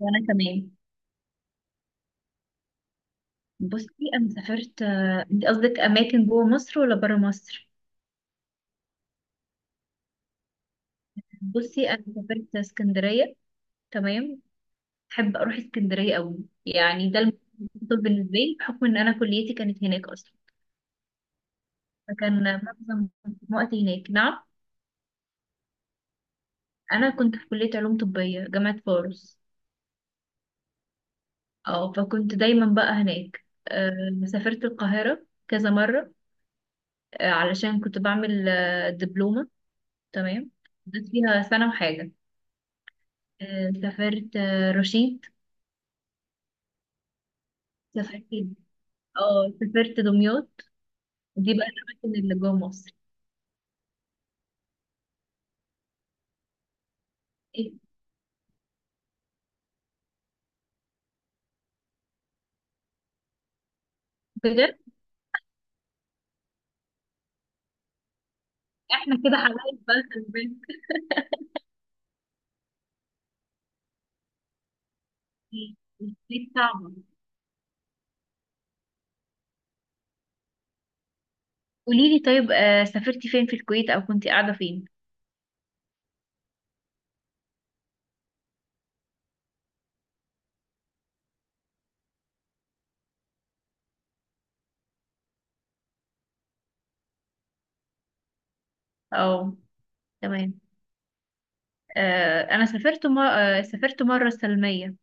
وانا كمان. بصي، انا سافرت انت قصدك اماكن جوه مصر ولا بره مصر؟ بصي انا سافرت اسكندريه. تمام. بحب اروح اسكندريه قوي، يعني ده المفضل بالنسبه لي بحكم ان انا كليتي كانت هناك اصلا، فكان معظم وقتي هناك. نعم، انا كنت في كليه علوم طبيه جامعه فاروس. اه، فكنت دايما بقى هناك. سافرت القاهره كذا مره، علشان كنت بعمل دبلومه. تمام، قضيت فيها سنه وحاجه. سافرت رشيد، سافرت اه سافرت دمياط. دي بقى الأماكن اللي جوه مصر. إيه، بجد؟ احنا كده حبايب بقى، خلي بالك. البيت صعبة. قولي لي طيب، سافرتي فين في الكويت أو كنتي قاعدة فين؟ اه تمام. أنا سافرت مرة السلمية.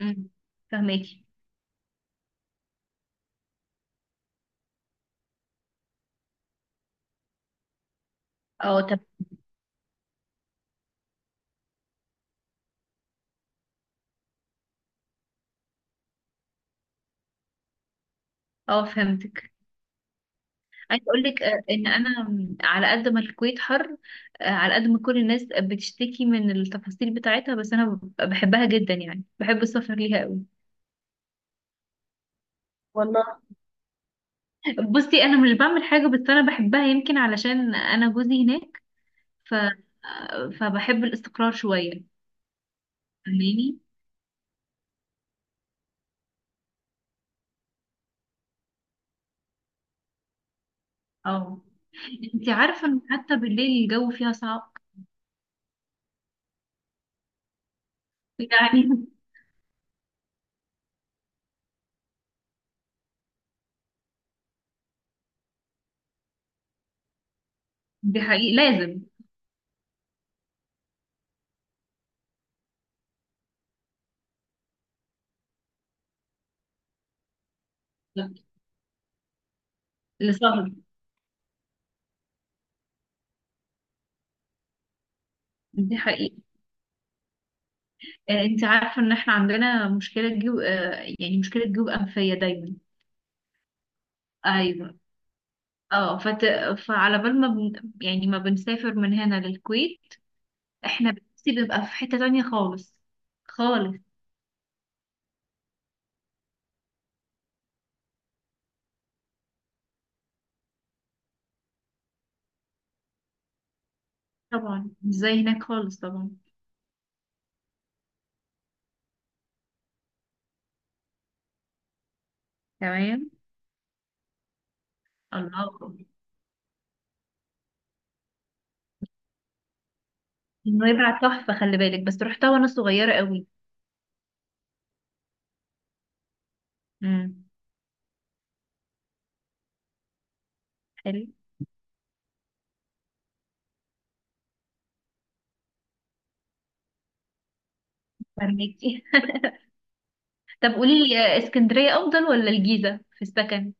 مم، فهماكي. اه طب. اه فهمتك. عايز اقول لك ان انا على قد ما الكويت حر، على قد ما كل الناس بتشتكي من التفاصيل بتاعتها، بس انا بحبها جدا، يعني بحب السفر ليها قوي. والله بصي انا مش بعمل حاجه، بس انا بحبها يمكن علشان انا جوزي هناك. ف فبحب الاستقرار شويه. فاهماني؟ اه، انت عارفه ان حتى بالليل الجو فيها صعب يعني. دي حقيقي لازم لسهر. دي حقيقي. انت عارفة ان احنا عندنا مشكلة جيوب، مشكلة جيوب أنفية دايما. ايوه. اه، فعلى بال ما يعني ما بنسافر من هنا للكويت احنا بنفسي بيبقى في حتة تانية خالص. خالص طبعا، مش زي هناك خالص طبعا. تمام، الله أكبر. نويبع تحفة، خلي بالك، بس رحتها وانا صغيرة قوي. امم حلو. فهميكي. طب قولي لي، اسكندرية افضل ولا الجيزة في السكن؟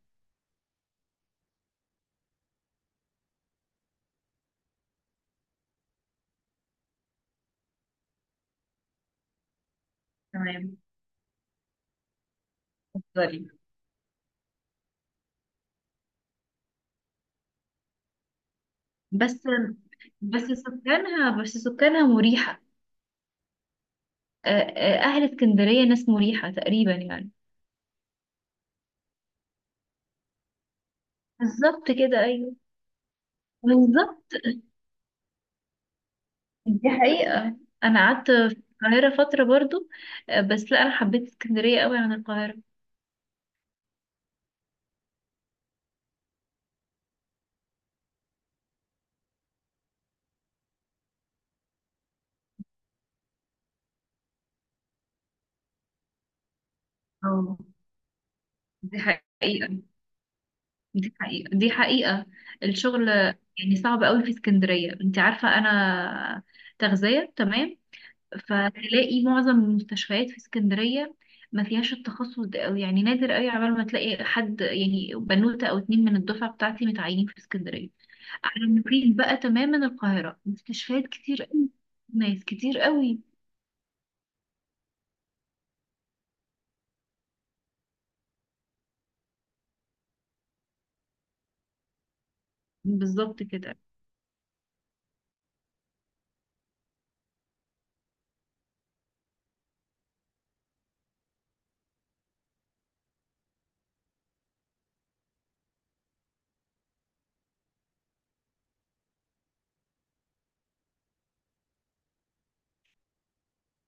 تمام، اتفضلي. بس بس سكانها مريحة. أهل اسكندرية ناس مريحة تقريبا يعني. بالظبط كده، أيوه بالظبط، دي حقيقة. أنا قعدت في القاهرة فترة برضو، بس لا أنا حبيت اسكندرية قوي عن القاهرة. اه دي حقيقة، دي حقيقة، دي حقيقة. الشغل يعني صعب قوي في اسكندرية، انت عارفة أنا تغذية تمام، فتلاقي معظم المستشفيات في اسكندرية ما فيهاش التخصص ده أوي، يعني نادر قوي عبال ما تلاقي حد، يعني بنوتة او اتنين من الدفعة بتاعتي متعينين في اسكندرية. على النقيض بقى تماما القاهرة مستشفيات كتير قوي، ناس كتير قوي. بالظبط كده،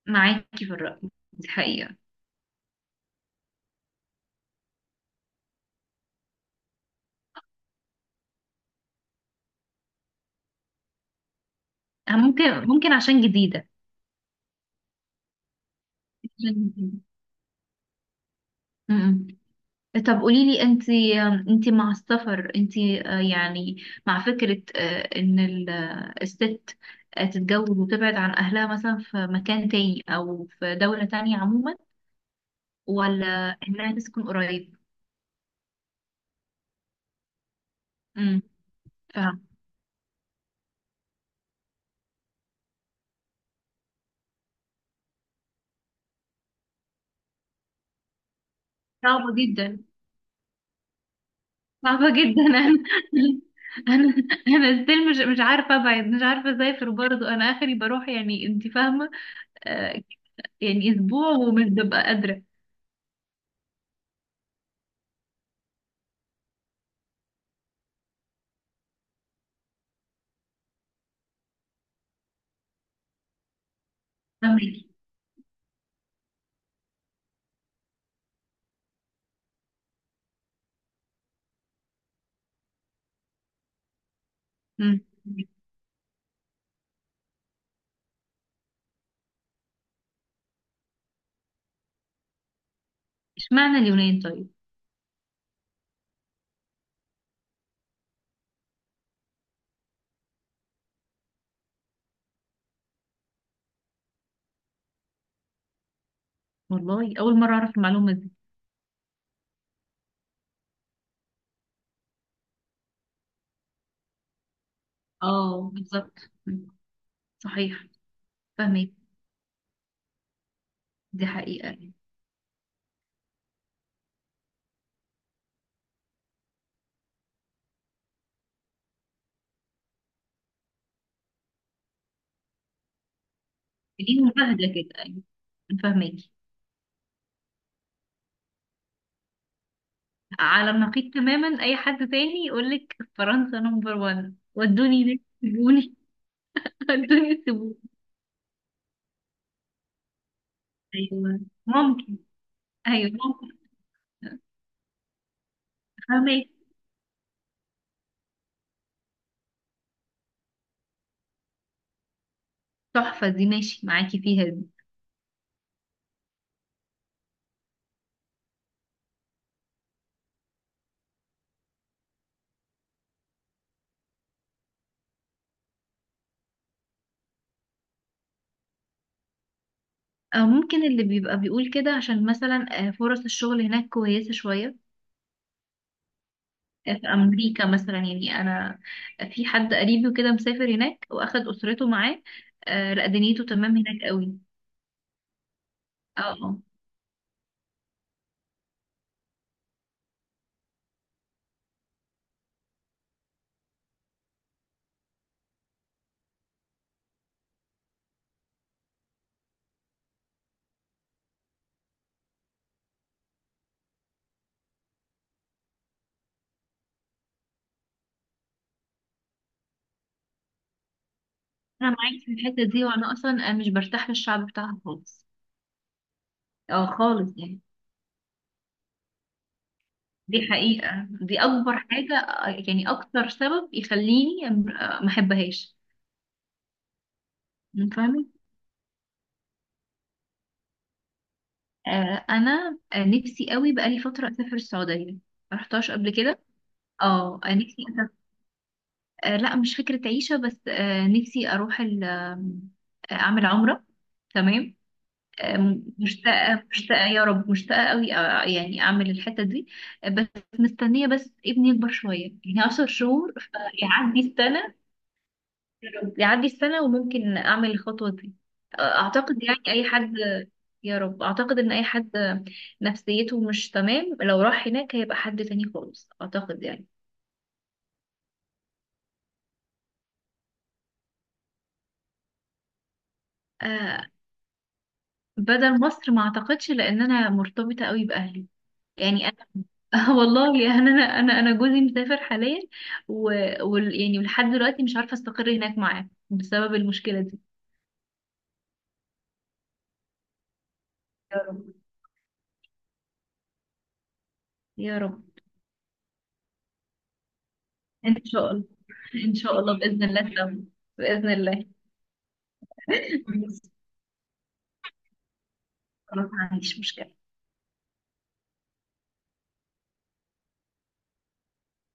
معاكي في الرأي، دي حقيقة. ممكن ممكن عشان جديدة، عشان جديدة. م- م. طب قوليلي انت، انت مع السفر، انت يعني مع فكرة ان الست تتجوز وتبعد عن اهلها مثلا في مكان تاني او في دولة تانية عموما، ولا انها تسكن قريب؟ امم فاهمة. صعبة جدا، صعبة جدا. انا انا ستيل مش عارفة ابعد، مش عارفة اسافر برضه، انا اخري بروح، يعني انت فاهمة. آه، يعني اسبوع ومش ببقى قادرة. فاهمك. امم اشمعنى اليونان طيب؟ والله أول مرة أعرف المعلومة دي. اه بالظبط. مم. صحيح، فاهمك. دي حقيقة. دي مباهدة كده، أيوة، فاهمك. على النقيض تماما، أي حد تاني يقولك فرنسا نمبر وان ودوني هناك سيبوني. ودوني سيبوني. أيوة ممكن، أيوة ممكن، فاهمك. تحفة دي، ماشي معاكي فيها دي. أو ممكن اللي بيبقى بيقول كده عشان مثلا فرص الشغل هناك كويسة شوية. في امريكا مثلا، يعني انا في حد قريبي وكده مسافر هناك واخد اسرته معاه، آه لا دنيته تمام هناك قوي. اه اه، انا معاك في الحته دي، وانا اصلا مش برتاح للشعب بتاعها خالص. اه خالص يعني. دي حقيقه، دي اكبر حاجه، يعني اكتر سبب يخليني، ما احبهاش. فاهمه. انا نفسي قوي بقالي فتره اسافر السعوديه، ما رحتهاش قبل كده. اه نفسي. لا مش فكرة عيشة، بس نفسي أروح ال- آم، أعمل عمرة. تمام. مشتاقة مشتاقة يا رب، مشتاقة قوي، يعني أعمل الحتة دي، بس مستنية بس ابني يكبر شوية، يعني 10 شهور يعدي السنة. يا رب يعدي السنة وممكن أعمل الخطوة دي. أعتقد يعني أي حد، يا رب أعتقد إن أي حد نفسيته مش تمام لو راح هناك هيبقى حد تاني خالص، أعتقد يعني. آه، بدل مصر ما اعتقدش لان انا مرتبطه قوي باهلي، يعني انا. والله يعني انا جوزي مسافر حاليا، و... يعني لحد دلوقتي مش عارفه استقر هناك معاه بسبب المشكله دي. يا رب، يا رب. ان شاء الله، ان شاء الله باذن الله سوا، باذن الله. خلاص، ما عنديش مشكله.